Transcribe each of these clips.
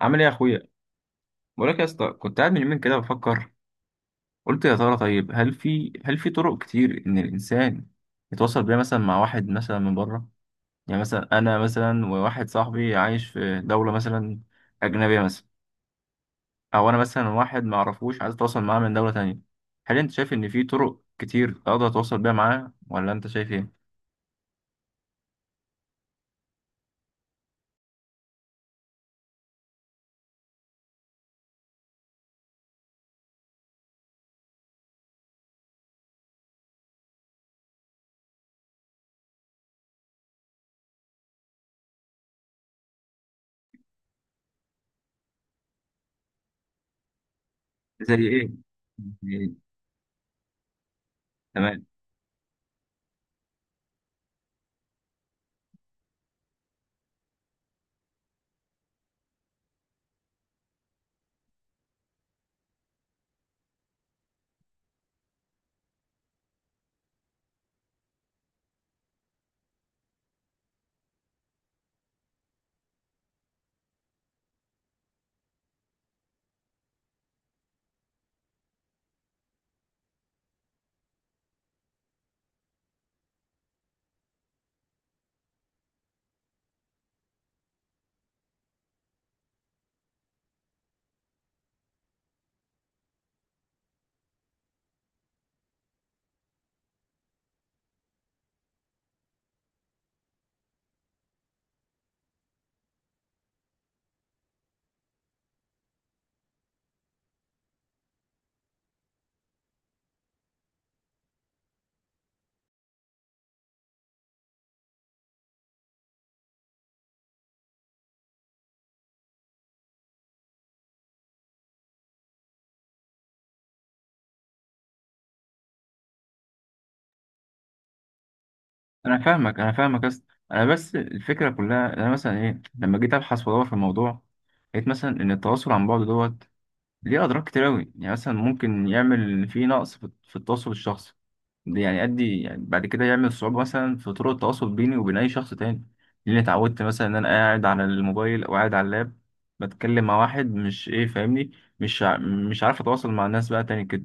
عامل ايه يا اخويا؟ بقول لك يا اسطى، كنت قاعد من يومين كده بفكر. قلت يا ترى طيب، هل في طرق كتير ان الانسان يتواصل بيها مثلا مع واحد مثلا من بره؟ يعني مثلا انا، مثلا وواحد صاحبي عايش في دوله مثلا اجنبيه مثلا، او انا مثلا واحد ما اعرفوش عايز اتواصل معاه من دوله تانية. هل انت شايف ان في طرق كتير اقدر اتواصل بيها معاه، ولا انت شايف ايه؟ زي ايه؟ زي إيه، تمام. انا فاهمك بس، انا بس الفكره كلها إن انا مثلا ايه، لما جيت ابحث وادور في الموضوع لقيت مثلا ان التواصل عن بعد دوت ليه اضرار كتير قوي. يعني مثلا ممكن يعمل فيه نقص في التواصل الشخصي، ده يعني يؤدي يعني بعد كده يعمل صعوبه مثلا في طرق التواصل بيني وبين اي شخص تاني، لاني اتعودت مثلا ان انا قاعد على الموبايل او قاعد على اللاب بتكلم مع واحد مش ايه، فاهمني؟ مش عارف اتواصل مع الناس بقى تاني كده.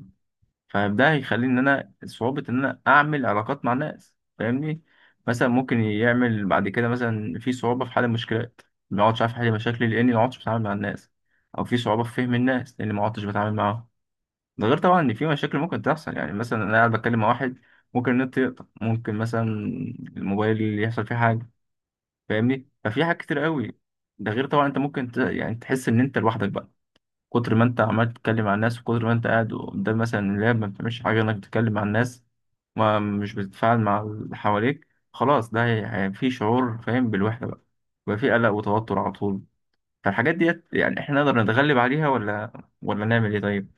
فده هيخلي ان انا صعوبة ان انا اعمل علاقات مع الناس، فاهمني؟ مثلا ممكن يعمل بعد كده مثلا في صعوبة في حل المشكلات، ما اقعدش عارف احل مشاكلي لاني ما اقعدش بتعامل مع الناس، او في صعوبة في فهم الناس لاني ما اقعدش بتعامل معاهم. ده غير طبعا ان في مشاكل ممكن تحصل، يعني مثلا انا قاعد بتكلم مع واحد ممكن النت يقطع، ممكن مثلا الموبايل اللي يحصل فيه حاجة، فاهمني؟ ففي حاجات كتير قوي. ده غير طبعا انت ممكن يعني تحس ان انت لوحدك بقى. كتر ما انت عمال تتكلم مع الناس، وكتر ما انت قاعد قدام مثلا اللاب ما بتعملش حاجه انك تتكلم مع الناس، ما مش بتتفاعل مع اللي حواليك، خلاص ده في شعور فاهم بالوحده بقى، بقى في قلق وتوتر على طول. فالحاجات ديت يعني احنا نقدر نتغلب عليها، ولا ولا نعمل ايه طيب؟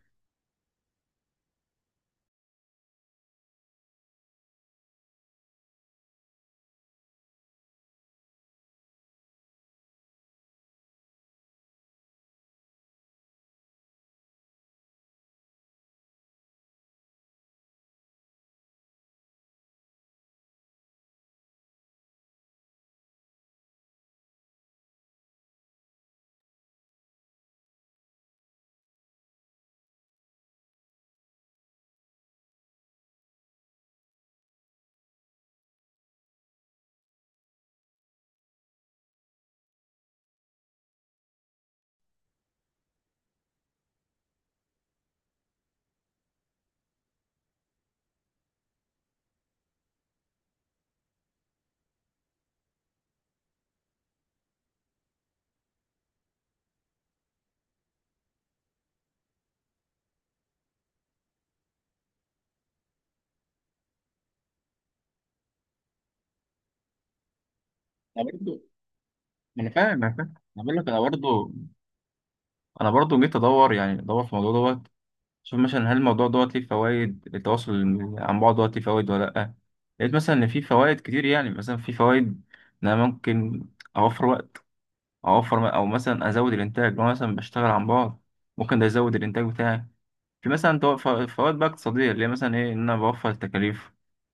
انا برضو، انا فاهم انا بقول لك، انا برضو انا برضو جيت ادور يعني ادور في الموضوع دوت، شوف مثلا هل الموضوع دوت ليه فوائد، التواصل عن بعد دوت ليه فوائد ولا لأ. لقيت مثلا إن في فوائد كتير. يعني مثلا في فوائد إن أنا ممكن أوفر وقت، أوفر أو مثلا أزود الإنتاج. لو أنا مثلا بشتغل عن بعد ممكن ده يزود الإنتاج بتاعي. في مثلا فوائد بقى اقتصادية اللي هي مثلا إيه، إن أنا بوفر التكاليف،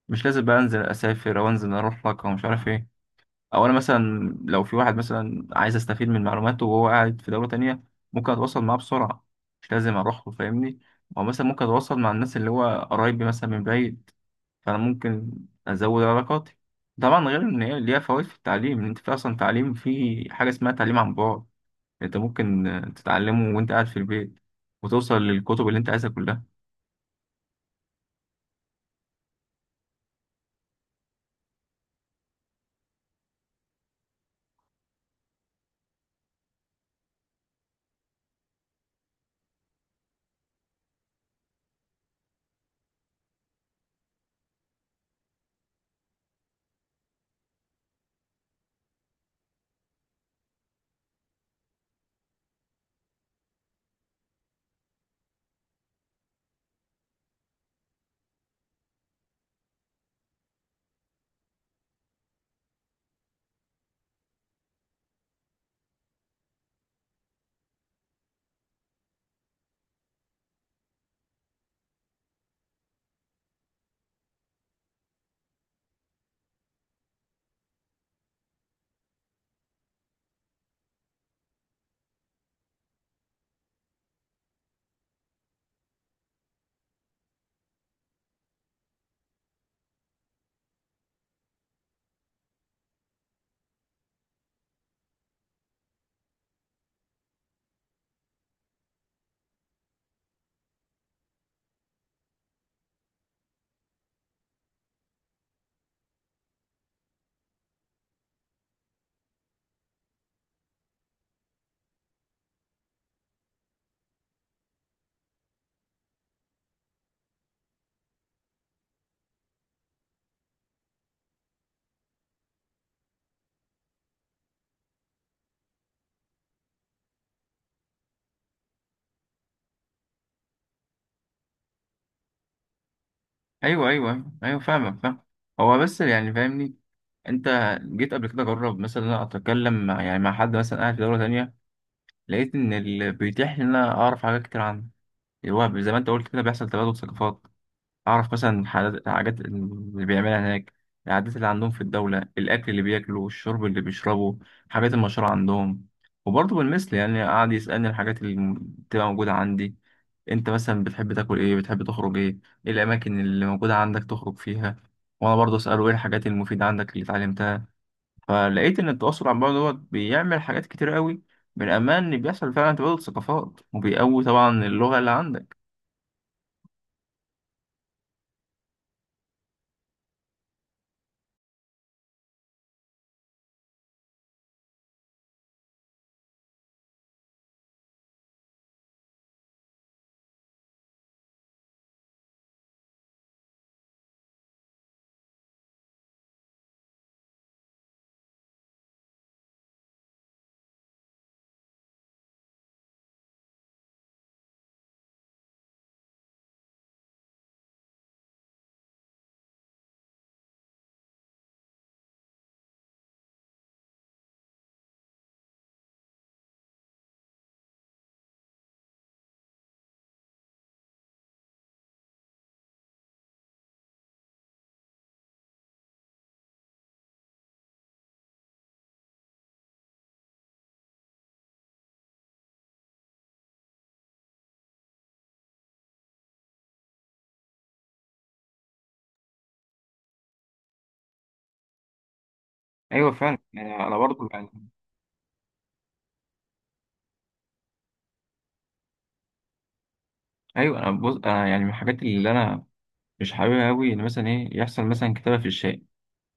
مش لازم بقى أنزل أسافر أو أنزل أروح لك أو مش عارف إيه. او انا مثلا لو في واحد مثلا عايز استفيد من معلوماته وهو قاعد في دولة تانية، ممكن اتواصل معاه بسرعة، مش لازم اروح له، فاهمني؟ او مثلا ممكن اتواصل مع الناس اللي هو قرايبي مثلا من بعيد، فانا ممكن ازود علاقاتي. طبعا غير ان هي ليها فوائد في التعليم، ان انت في اصلا تعليم في حاجة اسمها تعليم عن بعد، انت ممكن تتعلمه وانت قاعد في البيت، وتوصل للكتب اللي انت عايزها كلها. ايوه فاهمك، فاهم. هو بس يعني فاهمني، انت جيت قبل كده جرب مثلا إن انا اتكلم مع يعني مع حد مثلا قاعد في دوله تانية، لقيت ان اللي بيتيح لي ان انا اعرف حاجات كتير عنه الوهب، زي ما انت قلت كده بيحصل تبادل ثقافات. اعرف مثلا حاجات، اللي بيعملها هناك، العادات اللي عندهم في الدوله، الاكل اللي بياكلوا والشرب اللي بيشربوا، حاجات المشهوره عندهم. وبرضه بالمثل يعني قعد يسالني الحاجات اللي بتبقى موجوده عندي، انت مثلا بتحب تاكل ايه، بتحب تخرج ايه، ايه الاماكن اللي موجوده عندك تخرج فيها. وانا برضه اساله ايه الحاجات المفيده عندك اللي اتعلمتها. فلقيت ان التواصل عن بعد دوت بيعمل حاجات كتير قوي، من امان ان بيحصل فعلا تبادل ثقافات، وبيقوي طبعا اللغه اللي عندك. ايوه فعلا، انا برضه يعني. ايوه انا بص، انا يعني من الحاجات اللي انا مش حاببها قوي ان مثلا ايه يحصل مثلا كتابه في الشارع،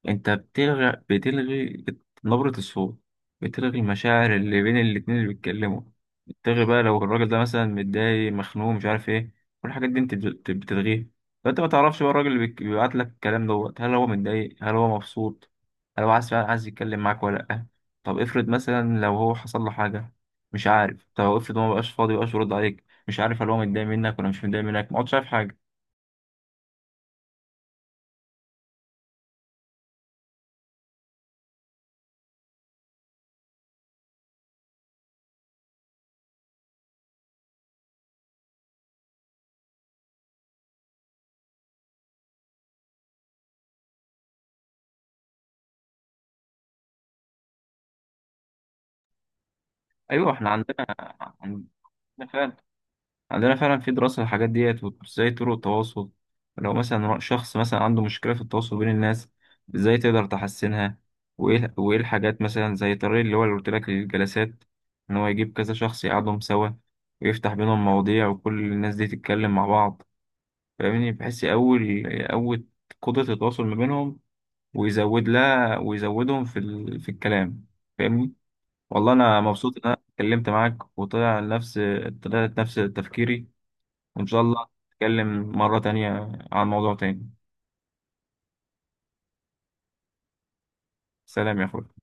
انت نبرة الصوت، بتلغي المشاعر اللي بين الاتنين اللي بيتكلموا، بتلغي بقى لو الراجل ده مثلا متضايق مخنوق مش عارف ايه، كل الحاجات دي انت بتلغيها. فانت ما تعرفش بقى الراجل اللي بيبعت لك الكلام دوت، هل هو متضايق، هل هو مبسوط، هل هو عايز فعلا عايز يتكلم معاك ولا لأ. طب افرض مثلا لو هو حصل له حاجة مش عارف، طب افرض هو مبقاش فاضي مبقاش يرد عليك، مش عارف هل هو متضايق منك ولا مش متضايق منك، ما عادش عارف حاجة. ايوه احنا عندنا، عندنا فعلا عندنا فعلا في دراسة للحاجات ديت، وازاي طرق التواصل لو مثلا شخص مثلا عنده مشكلة في التواصل بين الناس، ازاي تقدر تحسنها. وايه الحاجات مثلا زي الطريق اللي هو اللي قلت لك للجلسات، ان هو يجيب كذا شخص يقعدهم سوا ويفتح بينهم مواضيع وكل الناس دي تتكلم مع بعض، فاهمني؟ بحيث يقوي، يقوي قدرة التواصل ما بينهم، ويزود لها ويزودهم في في الكلام، فاهمني؟ والله انا مبسوط ان انا اتكلمت معاك وطلع نفس، طلعت نفس تفكيري، وإن شاء الله نتكلم مرة تانية عن موضوع تاني. سلام يا أخوي.